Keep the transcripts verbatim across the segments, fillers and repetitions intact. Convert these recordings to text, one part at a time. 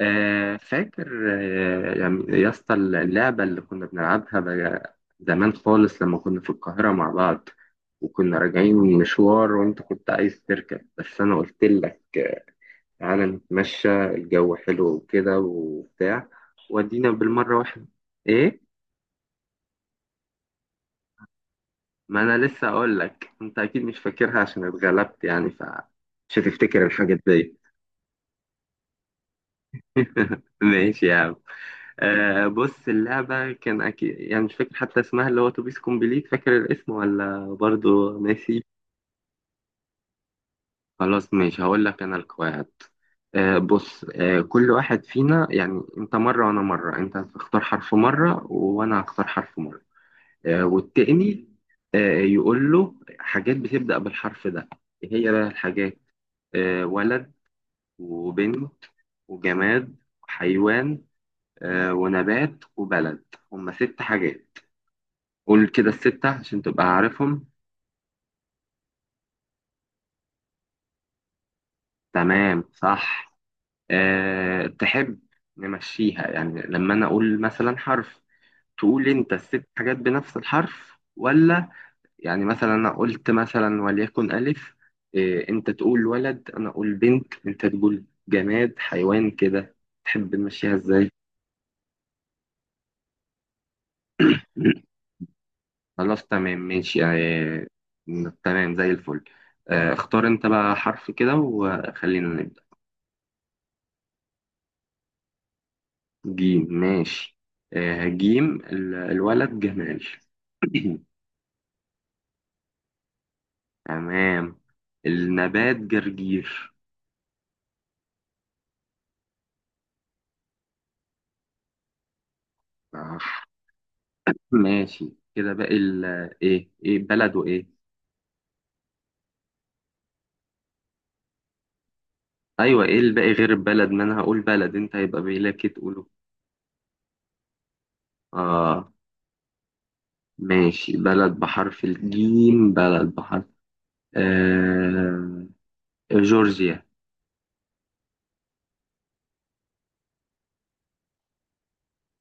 آه، فاكر. آه، يعني يا اسطى، اللعبة اللي كنا بنلعبها بقى زمان خالص لما كنا في القاهرة مع بعض، وكنا راجعين من مشوار وانت كنت عايز تركب بس انا قلت لك آه، تعالى نتمشى، الجو حلو وكده وبتاع، ودينا بالمرة واحدة. ايه؟ ما انا لسه اقول لك انت اكيد مش فاكرها عشان اتغلبت يعني، فمش هتفتكر الحاجات دي. ماشي يا عم. آه بص، اللعبة كان أكيد، يعني مش فاكر حتى اسمها، اللي هو توبيس كومبليت. فاكر الاسم ولا برضو ناسي؟ خلاص ماشي، هقول لك أنا القواعد. آه بص آه كل واحد فينا، يعني أنت مرة وأنا مرة، أنت هتختار حرف مرة وأنا هختار حرف مرة. آه والتاني آه يقول له حاجات بتبدأ بالحرف ده. إيه هي بقى الحاجات؟ آه ولد، وبنت، وجماد، وحيوان، آه ونبات، وبلد. هما ست حاجات. قول كده الستة عشان تبقى عارفهم. تمام، صح. أه تحب نمشيها، يعني لما أنا أقول مثلا حرف، تقول أنت الست حاجات بنفس الحرف ولا... يعني مثلا أنا قلت مثلا وليكن ألف، أه أنت تقول ولد، أنا أقول بنت، أنت تقول جماد، حيوان، كده. تحب نمشيها إزاي؟ خلاص، تمام، ماشي، أه. تمام زي الفل. أه اختار أنت بقى حرف كده وخلينا نبدأ. جيم، ماشي. آه جيم ال- الولد جمال. تمام. النبات جرجير. آه، ماشي. كده باقي ال... ايه، ايه بلد وايه؟ ايوه، ايه الباقي غير البلد؟ ما انا هقول بلد، انت هيبقى باقي تقوله. اه، ماشي. بلد بحرف الجيم، بلد بحرف آه جورجيا.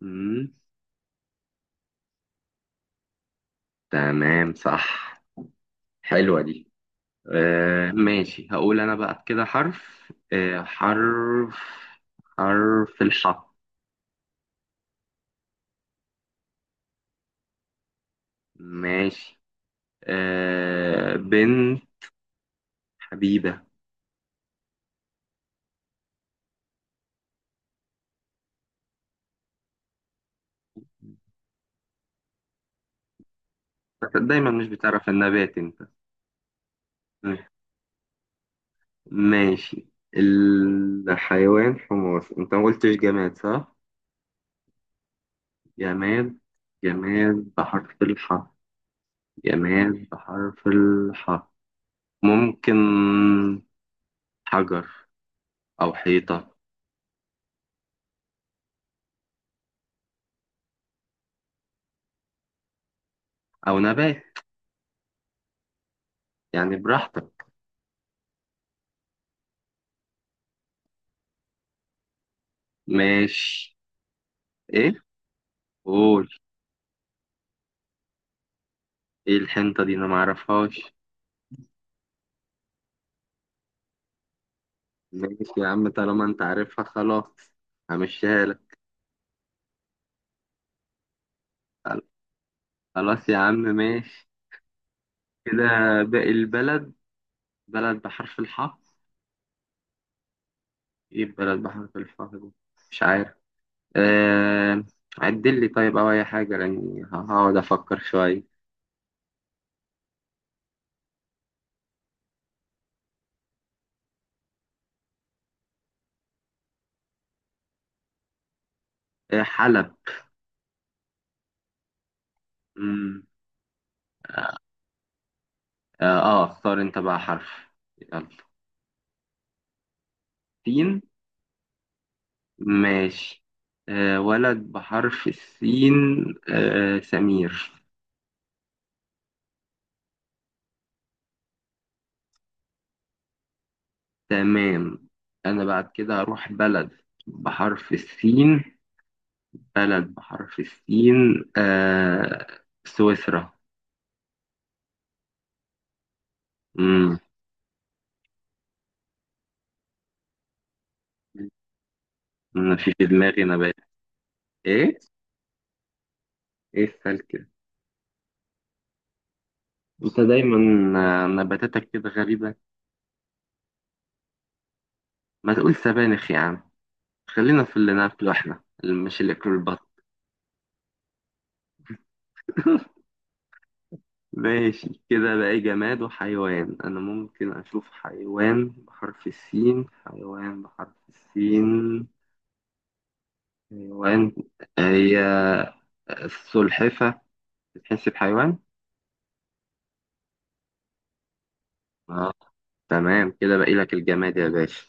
مم، تمام، صح. حلوة دي. آه ماشي. هقول انا بقى كده حرف، آه حرف حرف الحاء. ماشي. آه بنت حبيبة. دايما مش بتعرف النبات انت. ماشي. الحيوان حمار. انت ما قلتش جماد صح؟ جماد، جماد بحرف الحاء، جماد بحرف الحاء. ممكن حجر او حيطة. او نبات يعني، براحتك. ماشي. ايه؟ قول. ايه الحنطة دي؟ انا معرفهاش. ماشي يا عم، طالما انت عارفها خلاص، همشيها لك. خل- خلاص يا عم، ماشي. كده باقي البلد، بلد بحرف الحاء. ايه بلد بحرف الحاء دي؟ مش عارف. آه... عدل لي طيب، او اي حاجة، لاني ه- هقعد افكر شوية. آه حلب. مم. اه، آه، اختار انت بقى حرف. يلا. سين، ماشي. آه ولد بحرف السين، آه سمير. تمام. أنا بعد كده هروح بلد بحرف السين. بلد بحرف السين آه سويسرا. مم. أنا في في دماغي نبات. إيه؟ إيه السلك ده؟ أنت دايما، آه، نباتاتك كده غريبة. ما تقول سبانخ يا عم، خلينا في اللي ناكله إحنا، اللي مش اللي ياكله البط. ماشي. كده بقى جماد وحيوان. أنا ممكن أشوف حيوان بحرف السين، حيوان بحرف السين، حيوان. هي السلحفة، بتحس بحيوان؟ اه، تمام. كده باقي لك الجماد يا باشا.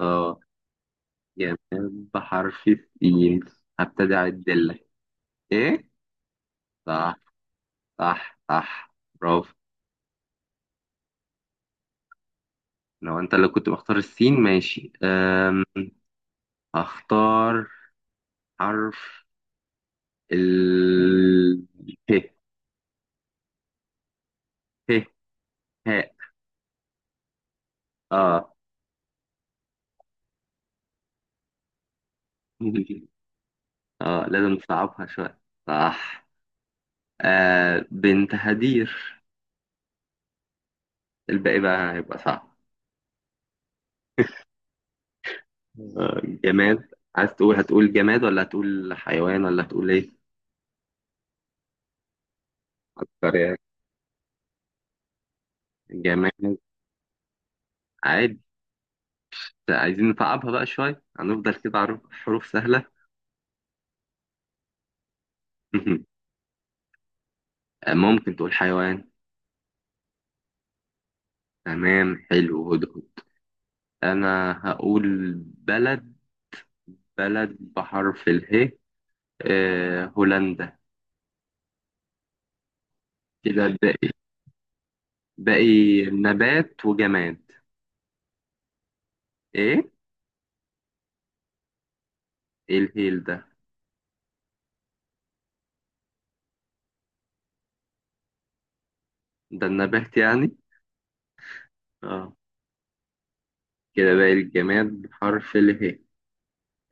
اه، جماد بحرف السين، هبتدي اعد لك. ايه؟ صح، صح، صح. برافو. لو انت اللي كنت مختار السين ماشي. أم... اختار حرف ال ه ه ه اه. اه، لازم نصعبها شوية. صح. آه بنت هدير. الباقي بقى هيبقى صعب. مم. آه، جماد. عايز تقول، هتقول جماد ولا هتقول حيوان ولا هتقول ايه؟ فكر يعني. جماد. عادي، عايزين نصعبها بقى شوية، هنفضل كده على حروف سهلة. ممكن تقول حيوان. تمام، حلو، هدهد. أنا هقول بلد، بلد بحرف اله. آه هولندا. كده باقي، باقي نبات وجماد. ايه؟ ايه الهيل ده؟ ده النبات يعني؟ اه، كده باقي الجماد بحرف اله.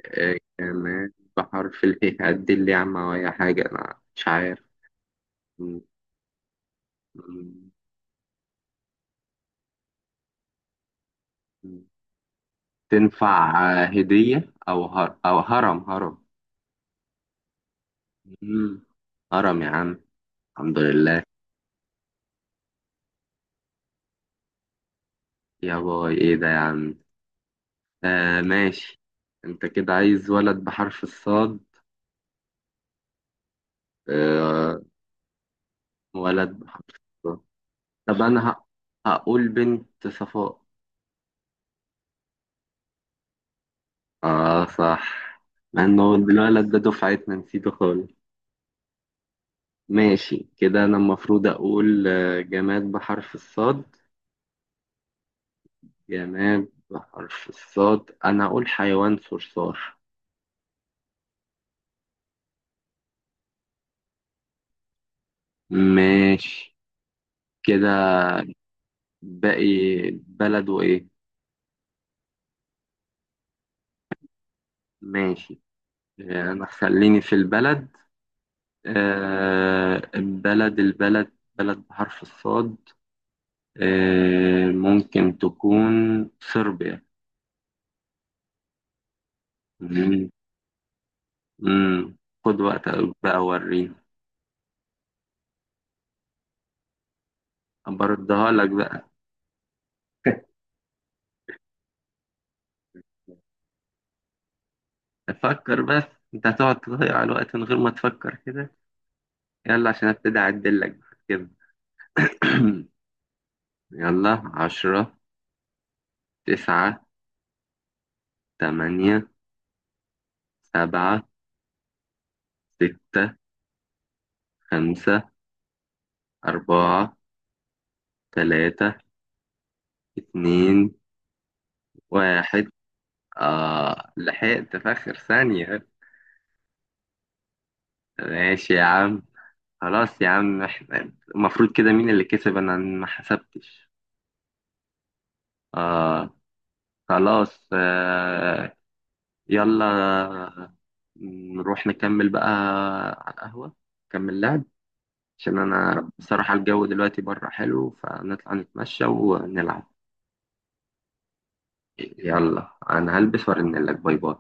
آه، كمان بحرف اله. عدل لي يا عم أو أي حاجة أنا مش عارف. م- م- م- تنفع. آه، هدية، أو هر... أو هرم، هرم. مم. هرم يا عم. الحمد لله. يا باي، إيه ده يا عم؟ آه ماشي. أنت كده عايز ولد بحرف الصاد. آه ولد بحرف الصاد. طب أنا ه... هقول بنت صفاء. آه، صح. مع إنه الولد ده دفعتنا نسيته خالص. ماشي. كده أنا المفروض أقول آه، جماد بحرف الصاد. جماد بحرف الصاد، أنا أقول حيوان صرصار. ماشي. كده باقي بلد وإيه؟ ماشي. آه، أنا خليني في البلد. آه، البلد البلد بلد بحرف الصاد. آه، ممكن تكون صربيا. مم. مم. خد وقتك بقى وريني. أبردها لك بقى. فكر بس، انت هتقعد تضيع الوقت من غير ما تفكر كده. يلا عشان ابتدي اعدلك بقى كده. يلا، عشرة، تسعة، تمانية، سبعة، ستة، خمسة، أربعة، تلاتة، اتنين، واحد. آه لحقت في آخر ثانية. ماشي يا عم. خلاص يا عم، احنا المفروض كده مين اللي كسب؟ أنا ما حسبتش. آه. خلاص، آه، يلا. نروح نكمل بقى على القهوة، نكمل لعب، عشان أنا بصراحة الجو دلوقتي بره حلو، فنطلع نتمشى ونلعب. يلا أنا هلبس وأرنلك. باي باي.